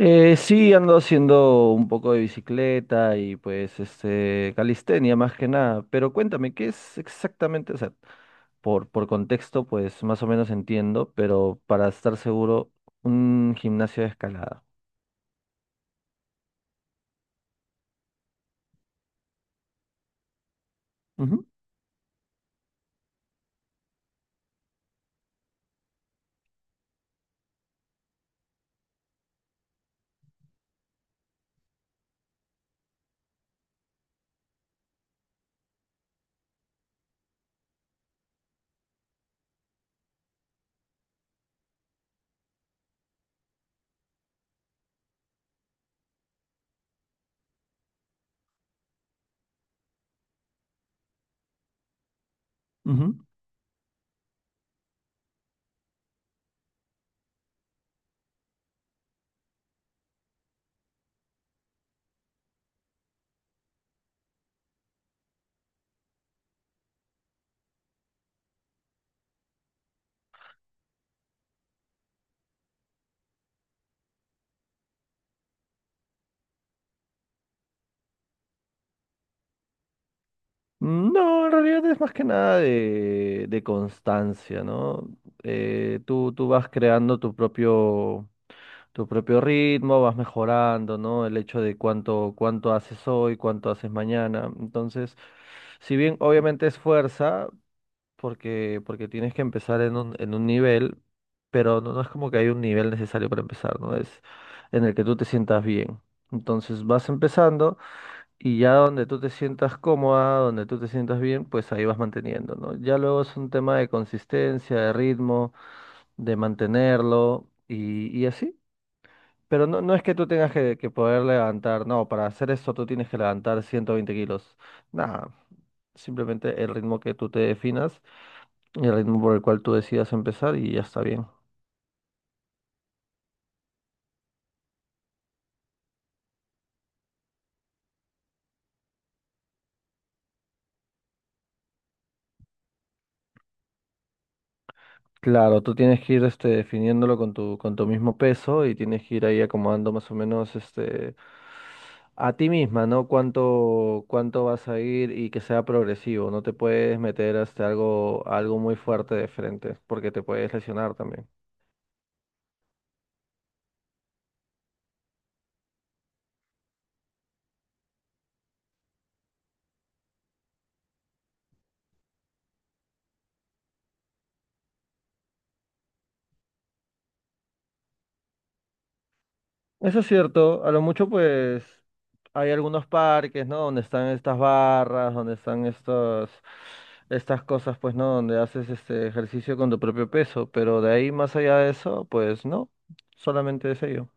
Sí, ando haciendo un poco de bicicleta y pues este calistenia más que nada, pero cuéntame, ¿qué es exactamente? O sea, por contexto, pues más o menos entiendo, pero para estar seguro, un gimnasio de escalada. Ujú, ujú. No, en realidad es más que nada de, de constancia, ¿no? Tú vas creando tu propio ritmo, vas mejorando, ¿no? El hecho de cuánto, cuánto haces hoy, cuánto haces mañana. Entonces, si bien obviamente es fuerza, porque tienes que empezar en un nivel, pero no, no es como que hay un nivel necesario para empezar, ¿no? Es en el que tú te sientas bien. Entonces vas empezando y ya donde tú te sientas cómoda, donde tú te sientas bien, pues ahí vas manteniendo, ¿no? Ya luego es un tema de consistencia, de ritmo, de mantenerlo y así. Pero no, no es que tú tengas que poder levantar, no, para hacer eso tú tienes que levantar 120 kilos. Nada, simplemente el ritmo que tú te definas y el ritmo por el cual tú decidas empezar y ya está bien. Claro, tú tienes que ir este, definiéndolo con tu mismo peso y tienes que ir ahí acomodando más o menos este, a ti misma, ¿no? Cuánto, cuánto vas a ir y que sea progresivo. No te puedes meter hasta algo, algo muy fuerte de frente porque te puedes lesionar también. Eso es cierto, a lo mucho pues hay algunos parques, ¿no? Donde están estas barras, donde están estos, estas cosas, pues, ¿no? Donde haces este ejercicio con tu propio peso, pero de ahí más allá de eso, pues no, solamente es ello.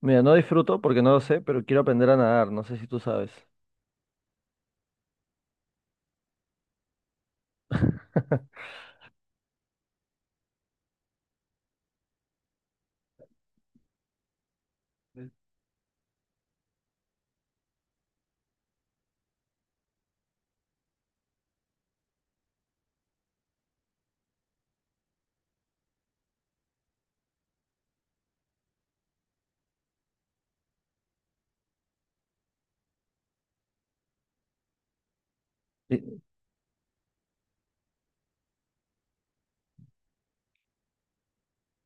Mira, no disfruto porque no lo sé, pero quiero aprender a nadar, no sé si tú sabes. ¿Y,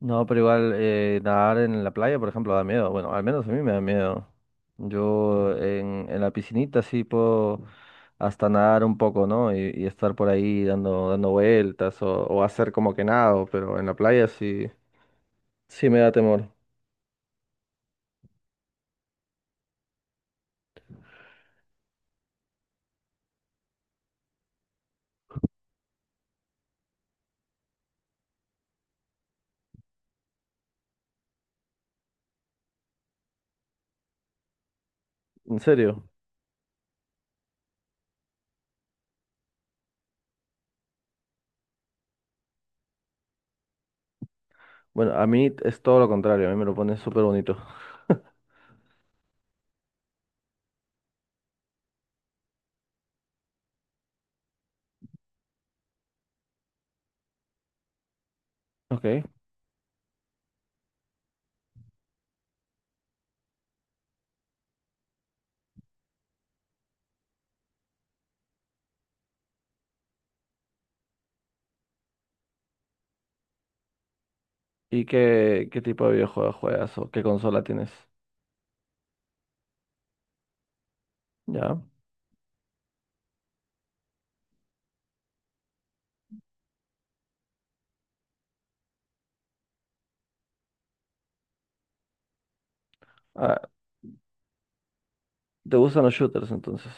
No, pero igual nadar en la playa, por ejemplo, da miedo. Bueno, al menos a mí me da miedo. Yo en la piscinita sí puedo hasta nadar un poco, ¿no? Y estar por ahí dando, dando vueltas o hacer como que nado, pero en la playa sí, sí me da temor. ¿En serio? Bueno, a mí es todo lo contrario, a mí me lo pone súper bonito. Ok. ¿Y qué, qué tipo de videojuegos juegas o qué consola tienes? Ya. Ah, ¿te gustan los shooters entonces?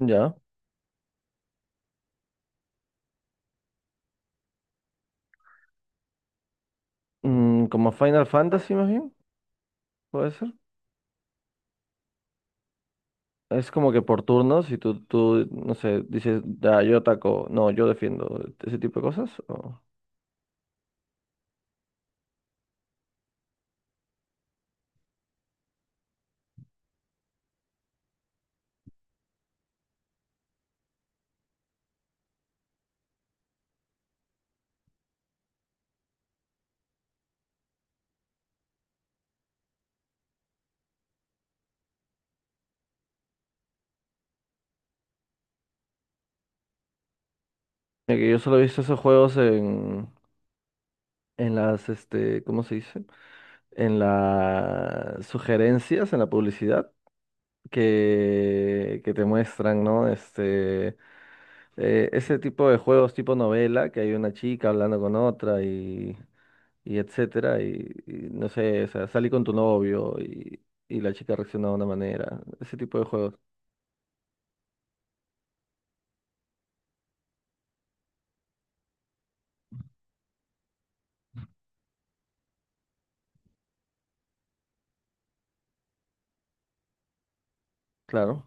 Ya. Mm, como Final Fantasy más bien. ¿Puede ser? Es como que por turnos, y tú, no sé, dices, ya, yo ataco, no, yo defiendo, ese tipo de cosas. O... Mira que yo solo he visto esos juegos en las, este, ¿cómo se dice? En las sugerencias, en la publicidad, que te muestran, ¿no? Este, ese tipo de juegos tipo novela, que hay una chica hablando con otra y etcétera, y no sé, o sea, salí con tu novio y la chica reacciona de una manera, ese tipo de juegos, claro.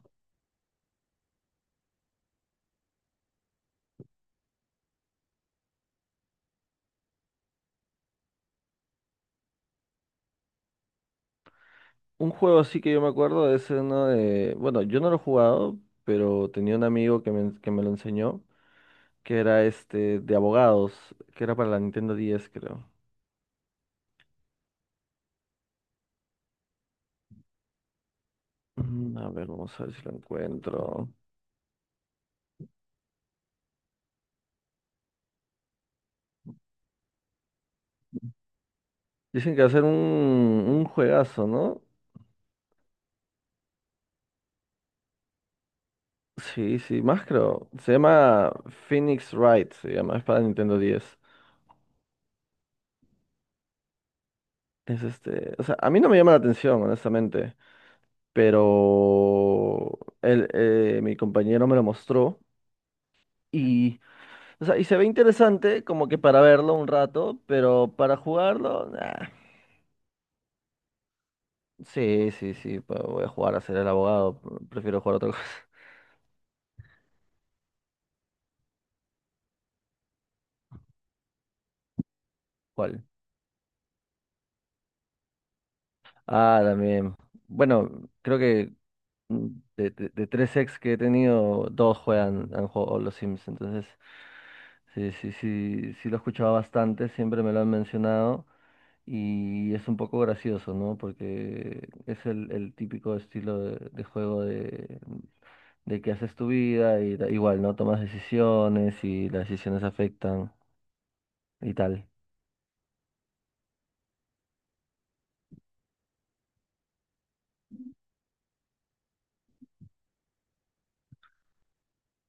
Un juego así que yo me acuerdo es uno de... Bueno, yo no lo he jugado, pero tenía un amigo que me lo enseñó, que era este de abogados, que era para la Nintendo 10 creo. Mm, a ver, vamos a ver si lo encuentro. Dicen que va a ser un juegazo, ¿no? Sí, sí, más creo. Se llama Phoenix Wright, se llama, es para Nintendo 10. Es este, o sea, a mí no me llama la atención, honestamente, pero él, mi compañero me lo mostró. O sea, y se ve interesante como que para verlo un rato, pero para jugarlo, nah. Sí, sí, sí, voy a jugar a ser el abogado, prefiero jugar otra cosa. ¿Cuál? Ah, también. Bueno, creo que mm, de tres ex que he tenido, han jugado los Sims, entonces sí, sí, sí, sí lo escuchaba bastante, siempre me lo han mencionado. Y es un poco gracioso, ¿no? Porque es el típico estilo de juego de que haces tu vida y igual, ¿no? Tomas decisiones y las decisiones afectan y tal.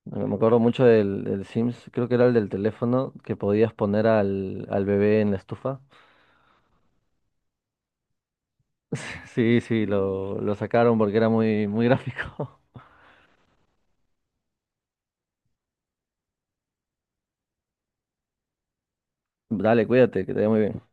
Me acuerdo mucho del, del Sims, creo que era el del teléfono, que podías poner al, al bebé en la estufa. Sí, sí, lo sacaron porque era muy, muy gráfico. Dale, cuídate, que te vaya muy bien.